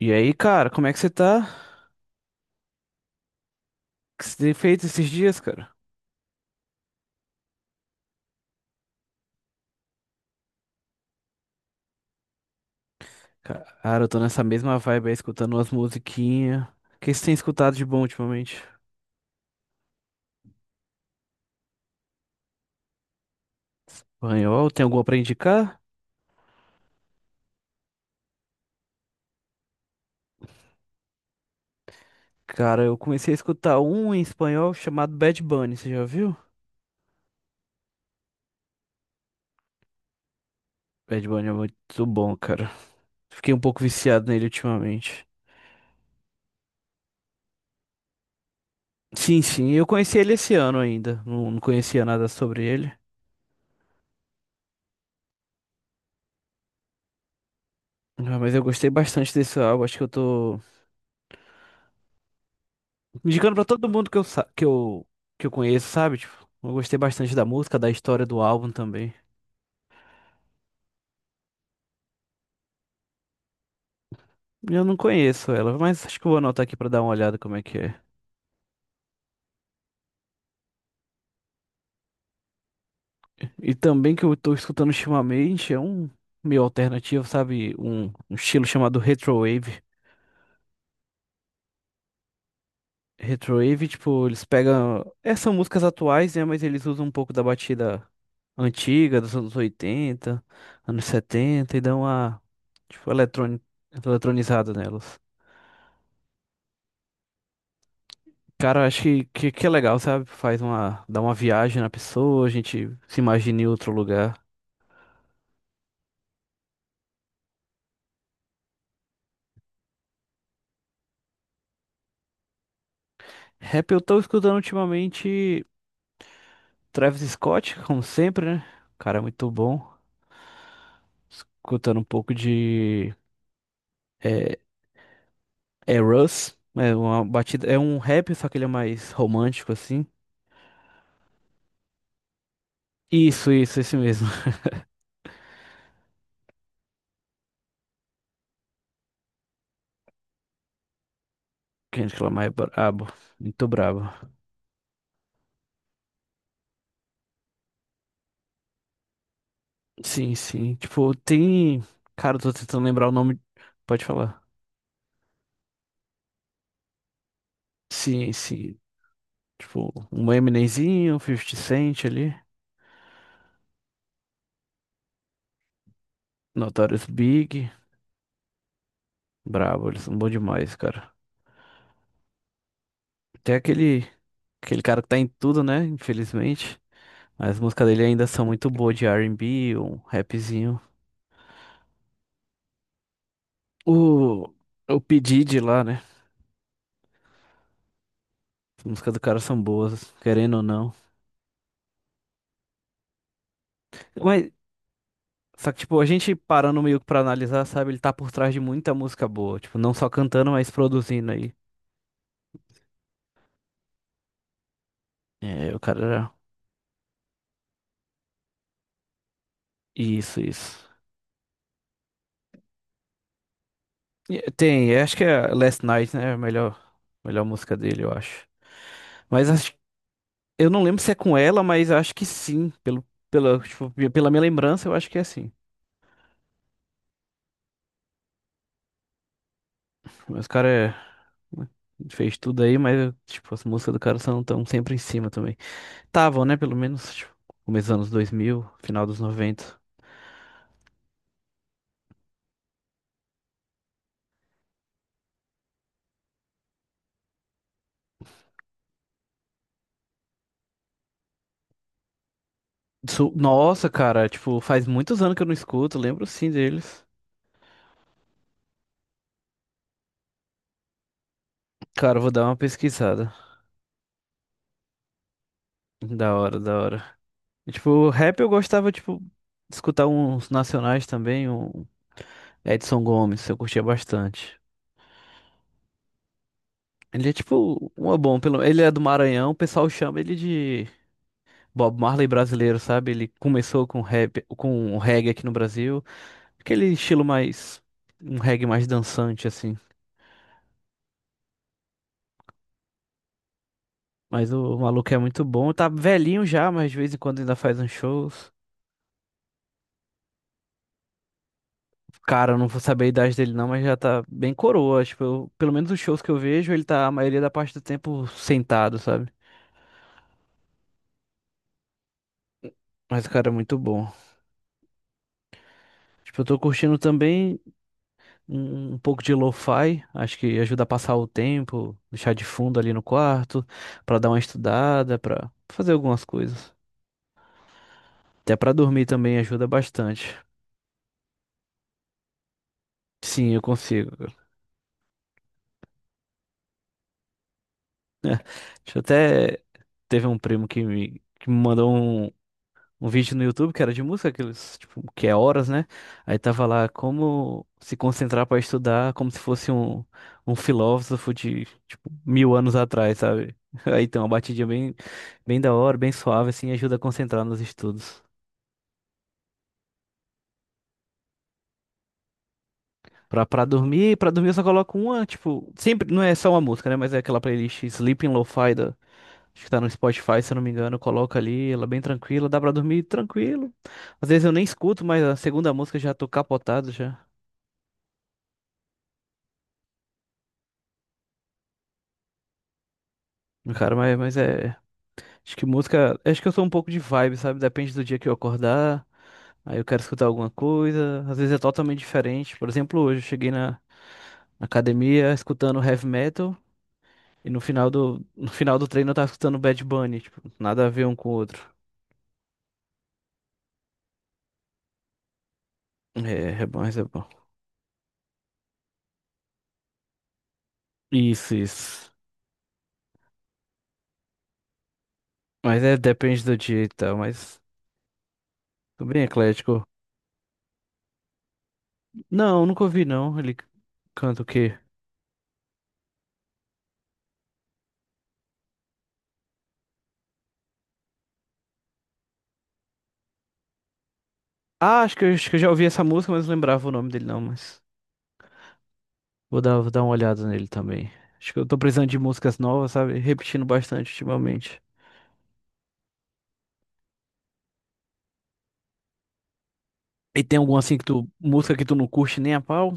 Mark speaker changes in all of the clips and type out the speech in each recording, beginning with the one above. Speaker 1: E aí, cara, como é que você tá? O que você tem feito esses dias, cara? Cara, eu tô nessa mesma vibe aí, escutando umas musiquinhas. O que você tem escutado de bom ultimamente? Espanhol, tem alguma pra indicar? Cara, eu comecei a escutar um em espanhol chamado Bad Bunny, você já viu? Bad Bunny é muito bom, cara. Fiquei um pouco viciado nele ultimamente. Sim, sim, eu conheci ele esse ano ainda. Não, não conhecia nada sobre ele. Ah, mas eu gostei bastante desse álbum, acho que eu tô indicando pra todo mundo que eu, que eu conheço, sabe? Tipo, eu gostei bastante da música, da história do álbum também. Eu não conheço ela, mas acho que eu vou anotar aqui pra dar uma olhada como é que é. E também que eu tô escutando ultimamente é um meio alternativo, sabe? Um estilo chamado Retrowave. Retrowave, tipo, eles pegam. Essas são músicas atuais, né? Mas eles usam um pouco da batida antiga, dos anos 80 anos 70 e dão uma, tipo, eletronizada nelas. Cara, eu acho que é legal, sabe? Faz uma, dá uma viagem na pessoa, a gente se imagina em outro lugar. Rap, eu tô escutando ultimamente Travis Scott, como sempre, né? O cara é muito bom. Escutando um pouco de é, é Russ, é uma batida, é um rap, só que ele é mais romântico assim. Isso, esse mesmo. Kendrick Lamar é brabo, muito brabo. Sim, sim. Tipo, tem, cara, eu tô tentando lembrar o nome. Pode falar. Sim, sim. Tipo, um Eminemzinho, Fifty Cent ali, Notorious Big. Brabo, eles são bons demais, cara. Tem aquele, aquele cara que tá em tudo, né? Infelizmente. Mas as músicas dele ainda são muito boas de R&B, um rapzinho. O, o P. Diddy lá, né? As músicas do cara são boas, querendo ou não. Mas, só que, tipo, a gente parando meio que pra analisar, sabe? Ele tá por trás de muita música boa. Tipo, não só cantando, mas produzindo aí. É, o cara era... Isso, isso. E- tem, acho que é Last Night, né? É a melhor, melhor música dele, eu acho. Mas acho, eu não lembro se é com ela, mas acho que sim. Pelo, pela, tipo, pela minha lembrança, eu acho que é assim. Mas o cara é- né, fez tudo aí, mas tipo, as músicas do cara são tão sempre em cima também. Estavam, né? Pelo menos, tipo, começo dos anos 2000, final dos 90. Su- nossa, cara, tipo, faz muitos anos que eu não escuto, lembro sim deles. Cara, eu vou dar uma pesquisada. Da hora, da hora. E, tipo, rap eu gostava, tipo, de escutar uns nacionais também, um Edson Gomes, eu curtia bastante. Ele é tipo uma bom, pelo ele é do Maranhão, o pessoal chama ele de Bob Marley brasileiro, sabe? Ele começou com rap, com o reggae aqui no Brasil, aquele estilo mais um reggae mais dançante assim. Mas o maluco é muito bom, tá velhinho já, mas de vez em quando ainda faz uns shows. Cara, eu não vou saber a idade dele não, mas já tá bem coroa. Tipo, eu- pelo menos os shows que eu vejo, ele tá a maioria da parte do tempo sentado, sabe? Mas o cara é muito bom. Tipo, eu tô curtindo também um pouco de lo-fi. Acho que ajuda a passar o tempo, deixar de fundo ali no quarto, pra dar uma estudada, pra fazer algumas coisas. Até pra dormir também ajuda bastante. Sim, eu consigo. Deixa eu até. Teve um primo que me mandou um. Um vídeo no YouTube que era de música, aqueles, tipo, que é horas, né? Aí tava lá como se concentrar para estudar, como se fosse um, um filósofo de, tipo, mil anos atrás, sabe? Aí tem uma batidinha bem, bem da hora, bem suave, assim, ajuda a concentrar nos estudos. Pra dormir eu só coloco uma, tipo, sempre, não é só uma música, né? Mas é aquela playlist Sleeping Lo-Fi da, acho que tá no Spotify, se eu não me engano, coloca ali, ela é bem tranquila, dá pra dormir tranquilo. Às vezes eu nem escuto, mas a segunda música eu já tô capotado já. Cara, mas é. Acho que música. Acho que eu sou um pouco de vibe, sabe? Depende do dia que eu acordar. Aí eu quero escutar alguma coisa. Às vezes é totalmente diferente. Por exemplo, hoje eu cheguei na academia escutando heavy metal. E no no final do treino eu tava escutando Bad Bunny. Tipo, nada a ver um com o outro. É, é bom, mas é bom. Isso, isso. Mas é, depende do dia e tal. Mas tô bem eclético. Não, nunca ouvi não. Ele canta o quê? Ah, acho que eu já ouvi essa música, mas não lembrava o nome dele não, mas. Vou dar uma olhada nele também. Acho que eu tô precisando de músicas novas, sabe? Repetindo bastante ultimamente. E tem alguma assim que tu, música que tu não curte nem a pau?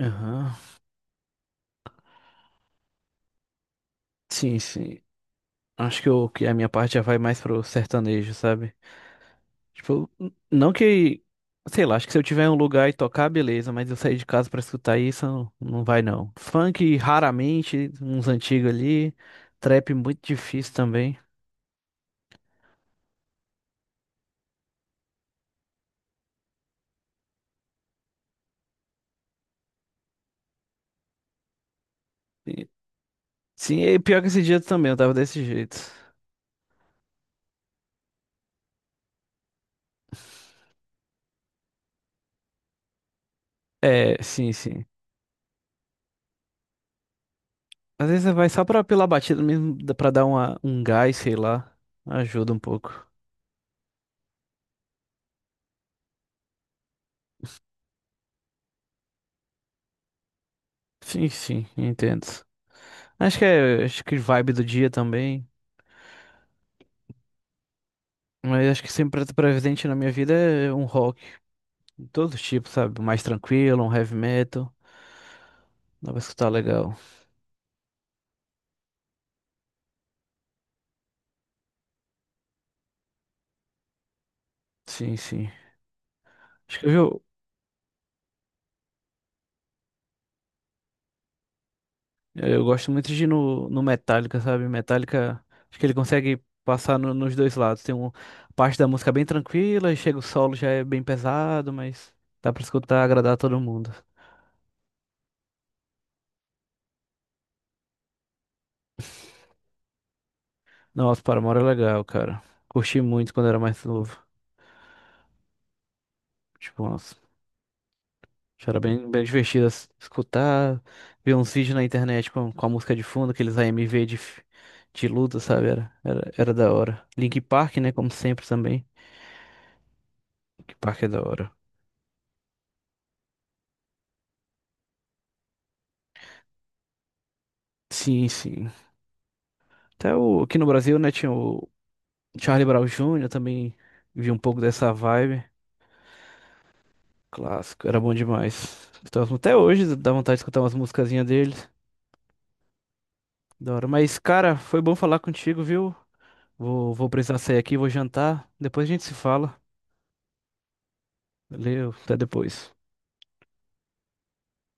Speaker 1: Aham. Sim, sim. Acho que, eu, que a minha parte já vai mais pro sertanejo, sabe? Tipo, n- não que, sei lá, acho que se eu tiver em um lugar e tocar, beleza, mas eu sair de casa pra escutar isso, não, não vai não. Funk, raramente, uns antigos ali. Trap, muito difícil também. E- sim, e pior que esse dia também, eu tava desse jeito. É, sim, sim. Às vezes você vai só pra, pela batida mesmo, dá pra dar uma, um gás, sei lá. Ajuda um pouco. Sim, sim, entendo. Acho que é, acho que vibe do dia também. Mas acho que sempre tá presente na minha vida é um rock. De todo tipo, sabe? Mais tranquilo, um heavy metal. Dá pra escutar legal. Sim, sim. Acho que eu, eu gosto muito de ir no, no Metallica, sabe? Metallica, acho que ele consegue passar nos dois lados. Tem uma parte da música bem tranquila e chega o solo já é bem pesado, mas dá pra escutar, agradar todo mundo. Nossa, Paramore é legal, cara. Curti muito quando era mais novo. Tipo, nossa, já era bem, bem divertido escutar, ver uns vídeos na internet com a música de fundo, aqueles AMV de, de luta, sabe? Era da hora. Link Park, né? Como sempre também. Link Park é da hora. Sim, sim. Até o, aqui no Brasil, né, tinha o Charlie Brown Jr., também vi um pouco dessa vibe. Clássico, era bom demais. Então, até hoje dá vontade de escutar umas musicazinhas deles. Da hora. Mas, cara, foi bom falar contigo, viu? Vou precisar sair aqui, vou jantar. Depois a gente se fala. Valeu, até depois.